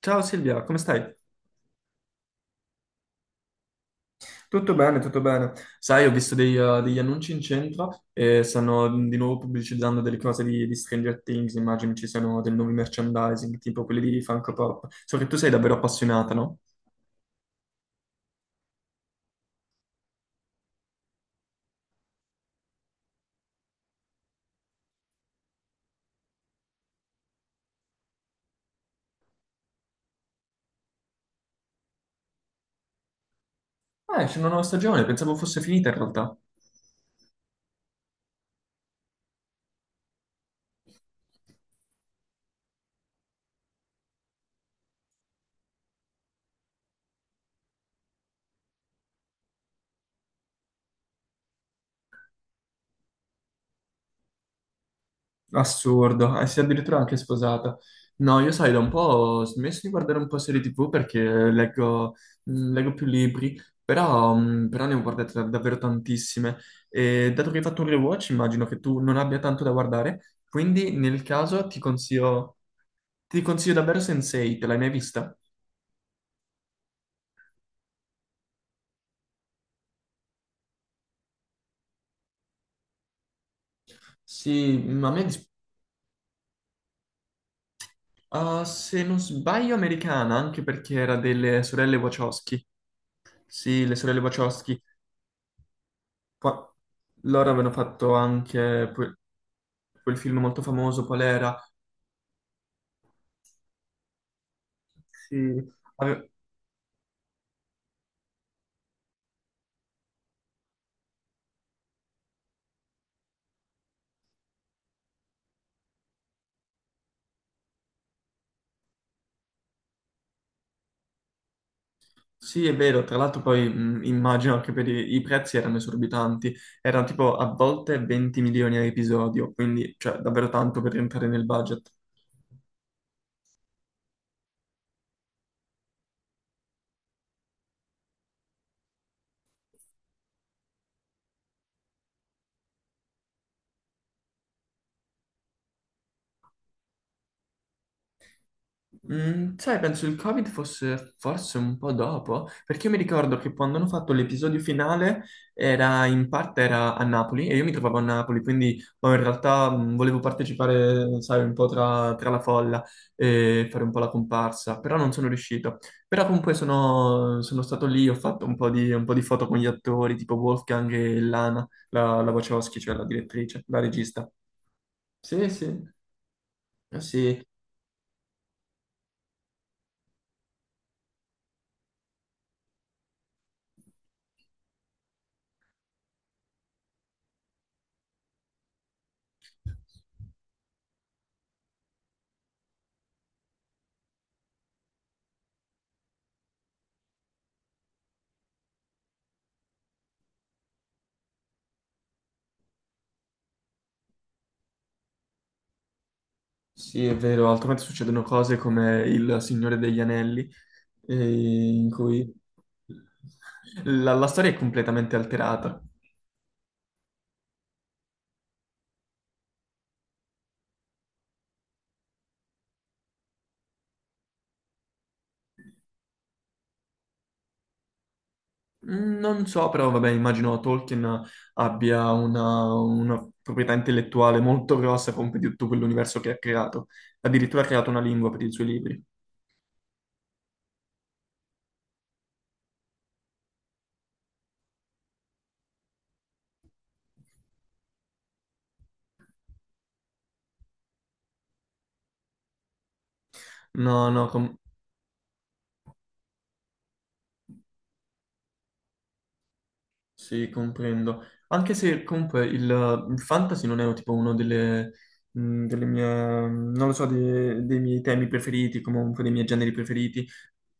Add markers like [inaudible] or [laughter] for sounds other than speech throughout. Ciao Silvia, come stai? Tutto bene, tutto bene. Sai, ho visto degli annunci in centro e stanno di nuovo pubblicizzando delle cose di Stranger Things, immagino ci siano dei nuovi merchandising, tipo quelli di Funko Pop. So che tu sei davvero appassionata, no? Ah, esce una nuova stagione, pensavo fosse finita in realtà. Assurdo, e si è addirittura anche sposata. No, io sai, da un po' ho smesso di guardare un po' serie TV perché leggo, leggo più libri, però, però ne ho guardate davvero tantissime. E dato che hai fatto un rewatch, immagino che tu non abbia tanto da guardare, quindi nel caso ti consiglio davvero Sensei, te l'hai mai vista? Sì, ma a me, ah, se non sbaglio, americana, anche perché era delle sorelle Wachowski. Sì, le sorelle Wachowski. Poi loro avevano fatto anche quel film molto famoso, qual era? Sì. Ave- Sì, è vero, tra l'altro poi immagino che per i prezzi erano esorbitanti, erano tipo a volte 20 milioni a episodio, quindi cioè davvero tanto per rientrare nel budget. Mm, sai, penso il Covid fosse forse un po' dopo, perché io mi ricordo che quando hanno fatto l'episodio finale era in parte era a Napoli e io mi trovavo a Napoli, quindi boh, in realtà volevo partecipare, sai, un po' tra la folla e fare un po' la comparsa, però non sono riuscito. Però comunque sono stato lì, ho fatto un po' di foto con gli attori, tipo Wolfgang e Lana, la Wachowski, cioè la direttrice, la regista. Sì, sì, eh sì. Sì, è vero, altrimenti succedono cose come il Signore degli Anelli, in cui la storia è completamente alterata. Mm, non so, però vabbè, immagino Tolkien abbia una proprietà intellettuale molto grossa come di tutto quell'universo che ha creato. Addirittura ha creato una lingua per i suoi libri. No, no, com- Sì, comprendo. Anche se comunque il fantasy non è tipo uno delle, mh, delle mie, non lo so, dei miei temi preferiti, comunque dei miei generi preferiti,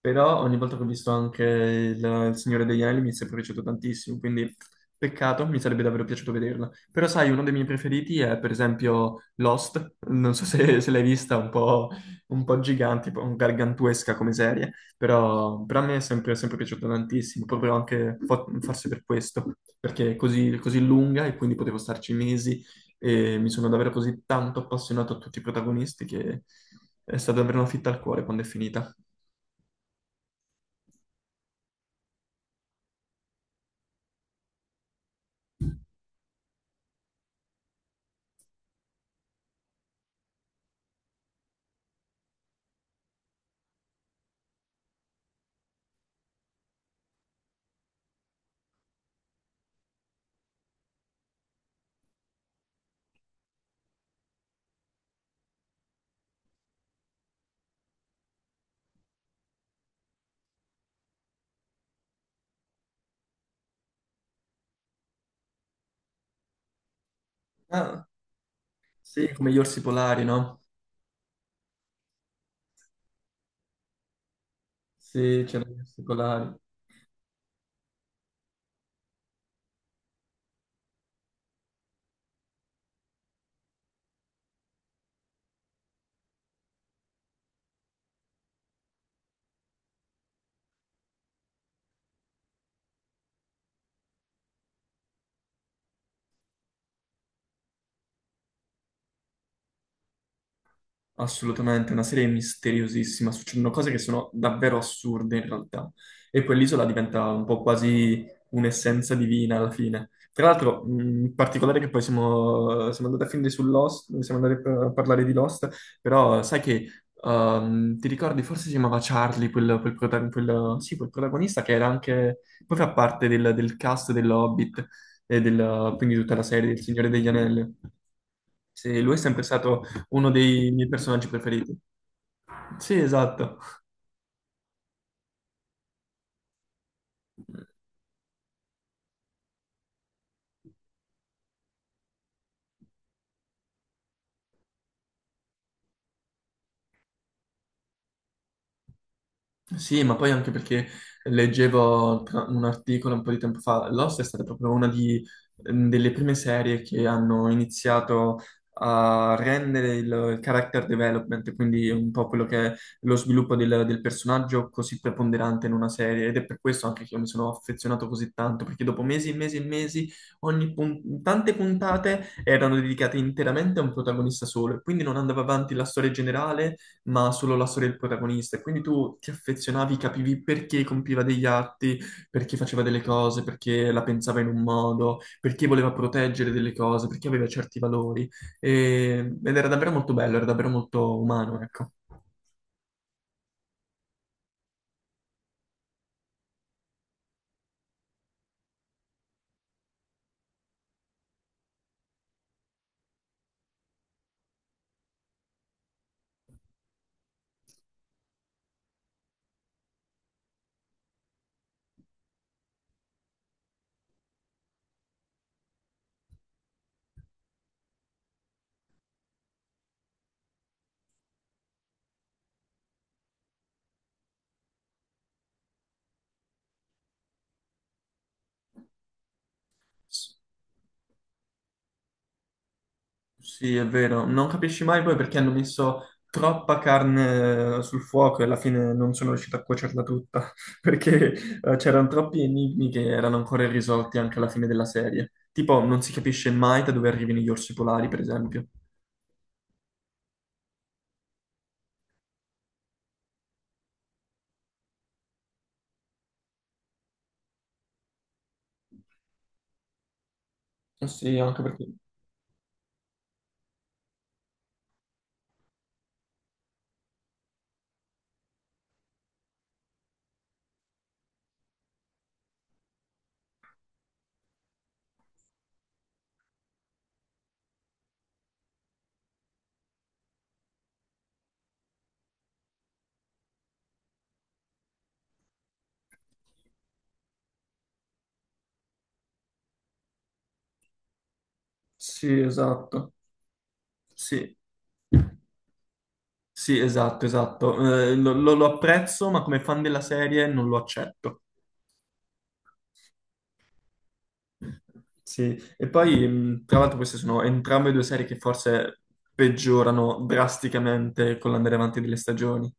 però ogni volta che ho visto anche il Signore degli Anelli mi è sempre piaciuto tantissimo, quindi peccato, mi sarebbe davvero piaciuto vederla. Però sai, uno dei miei preferiti è per esempio Lost, non so se l'hai vista, un po' gigante, un po' gargantuesca come serie però a me è sempre piaciuta tantissimo, proprio anche forse per questo, perché è così lunga e quindi potevo starci mesi e mi sono davvero così tanto appassionato a tutti i protagonisti che è stata davvero una fitta al cuore quando è finita. Ah, sì, come gli orsi polari, no? Sì, c'erano gli orsi polari. Assolutamente, una serie misteriosissima, succedono cose che sono davvero assurde in realtà e quell'isola diventa un po' quasi un'essenza divina alla fine. Tra l'altro, in particolare che poi siamo andati a finire su Lost, siamo andati a parlare di Lost, però sai che ti ricordi, forse si chiamava Charlie, sì, quel protagonista che era anche, poi fa parte del cast dell'Hobbit e del, quindi tutta la serie del Signore degli Anelli. Sì, lui è sempre stato uno dei miei personaggi preferiti. Sì, esatto. Sì, ma poi anche perché leggevo un articolo un po' di tempo fa, Lost è stata proprio delle prime serie che hanno iniziato a rendere il character development, quindi un po' quello che è lo sviluppo del personaggio così preponderante in una serie ed è per questo anche che io mi sono affezionato così tanto, perché dopo mesi e mesi e mesi, tante puntate erano dedicate interamente a un protagonista solo e quindi non andava avanti la storia generale ma solo la storia del protagonista. E quindi tu ti affezionavi, capivi perché compiva degli atti, perché faceva delle cose, perché la pensava in un modo, perché voleva proteggere delle cose, perché aveva certi valori. Ed era davvero molto bello, era davvero molto umano, ecco. Sì, è vero, non capisci mai poi perché hanno messo troppa carne sul fuoco e alla fine non sono riuscito a cuocerla tutta, [laughs] perché c'erano troppi enigmi che erano ancora irrisolti anche alla fine della serie. Tipo, non si capisce mai da dove arrivino gli orsi polari, per esempio. Sì, anche perché... Sì, esatto. Sì. Sì, esatto, esatto. Lo apprezzo, ma come fan della serie non lo accetto. Sì, e poi tra l'altro queste sono entrambe due serie che forse peggiorano drasticamente con l'andare avanti delle stagioni.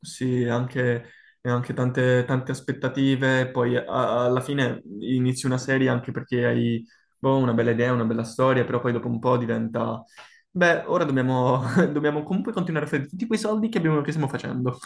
Sì, anche, e anche tante aspettative, poi alla fine inizi una serie anche perché hai boh, una bella idea, una bella storia, però poi dopo un po' diventa, beh, ora dobbiamo, [laughs] dobbiamo comunque continuare a fare tutti quei soldi che che stiamo facendo.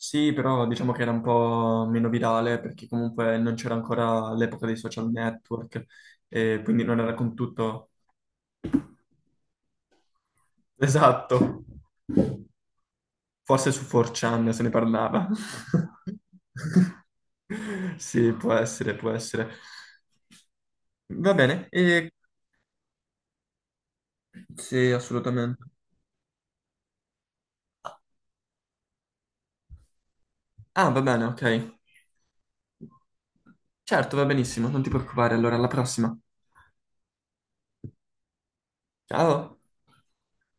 Sì, però diciamo che era un po' meno virale perché comunque non c'era ancora l'epoca dei social network e quindi non era con tutto [laughs] esatto. Forse su 4chan se ne parlava. [laughs] Sì, può essere, può essere. Va bene, e... sì, assolutamente. Ah, va bene, ok. Certo, va benissimo, non ti preoccupare. Allora, alla prossima. Ciao.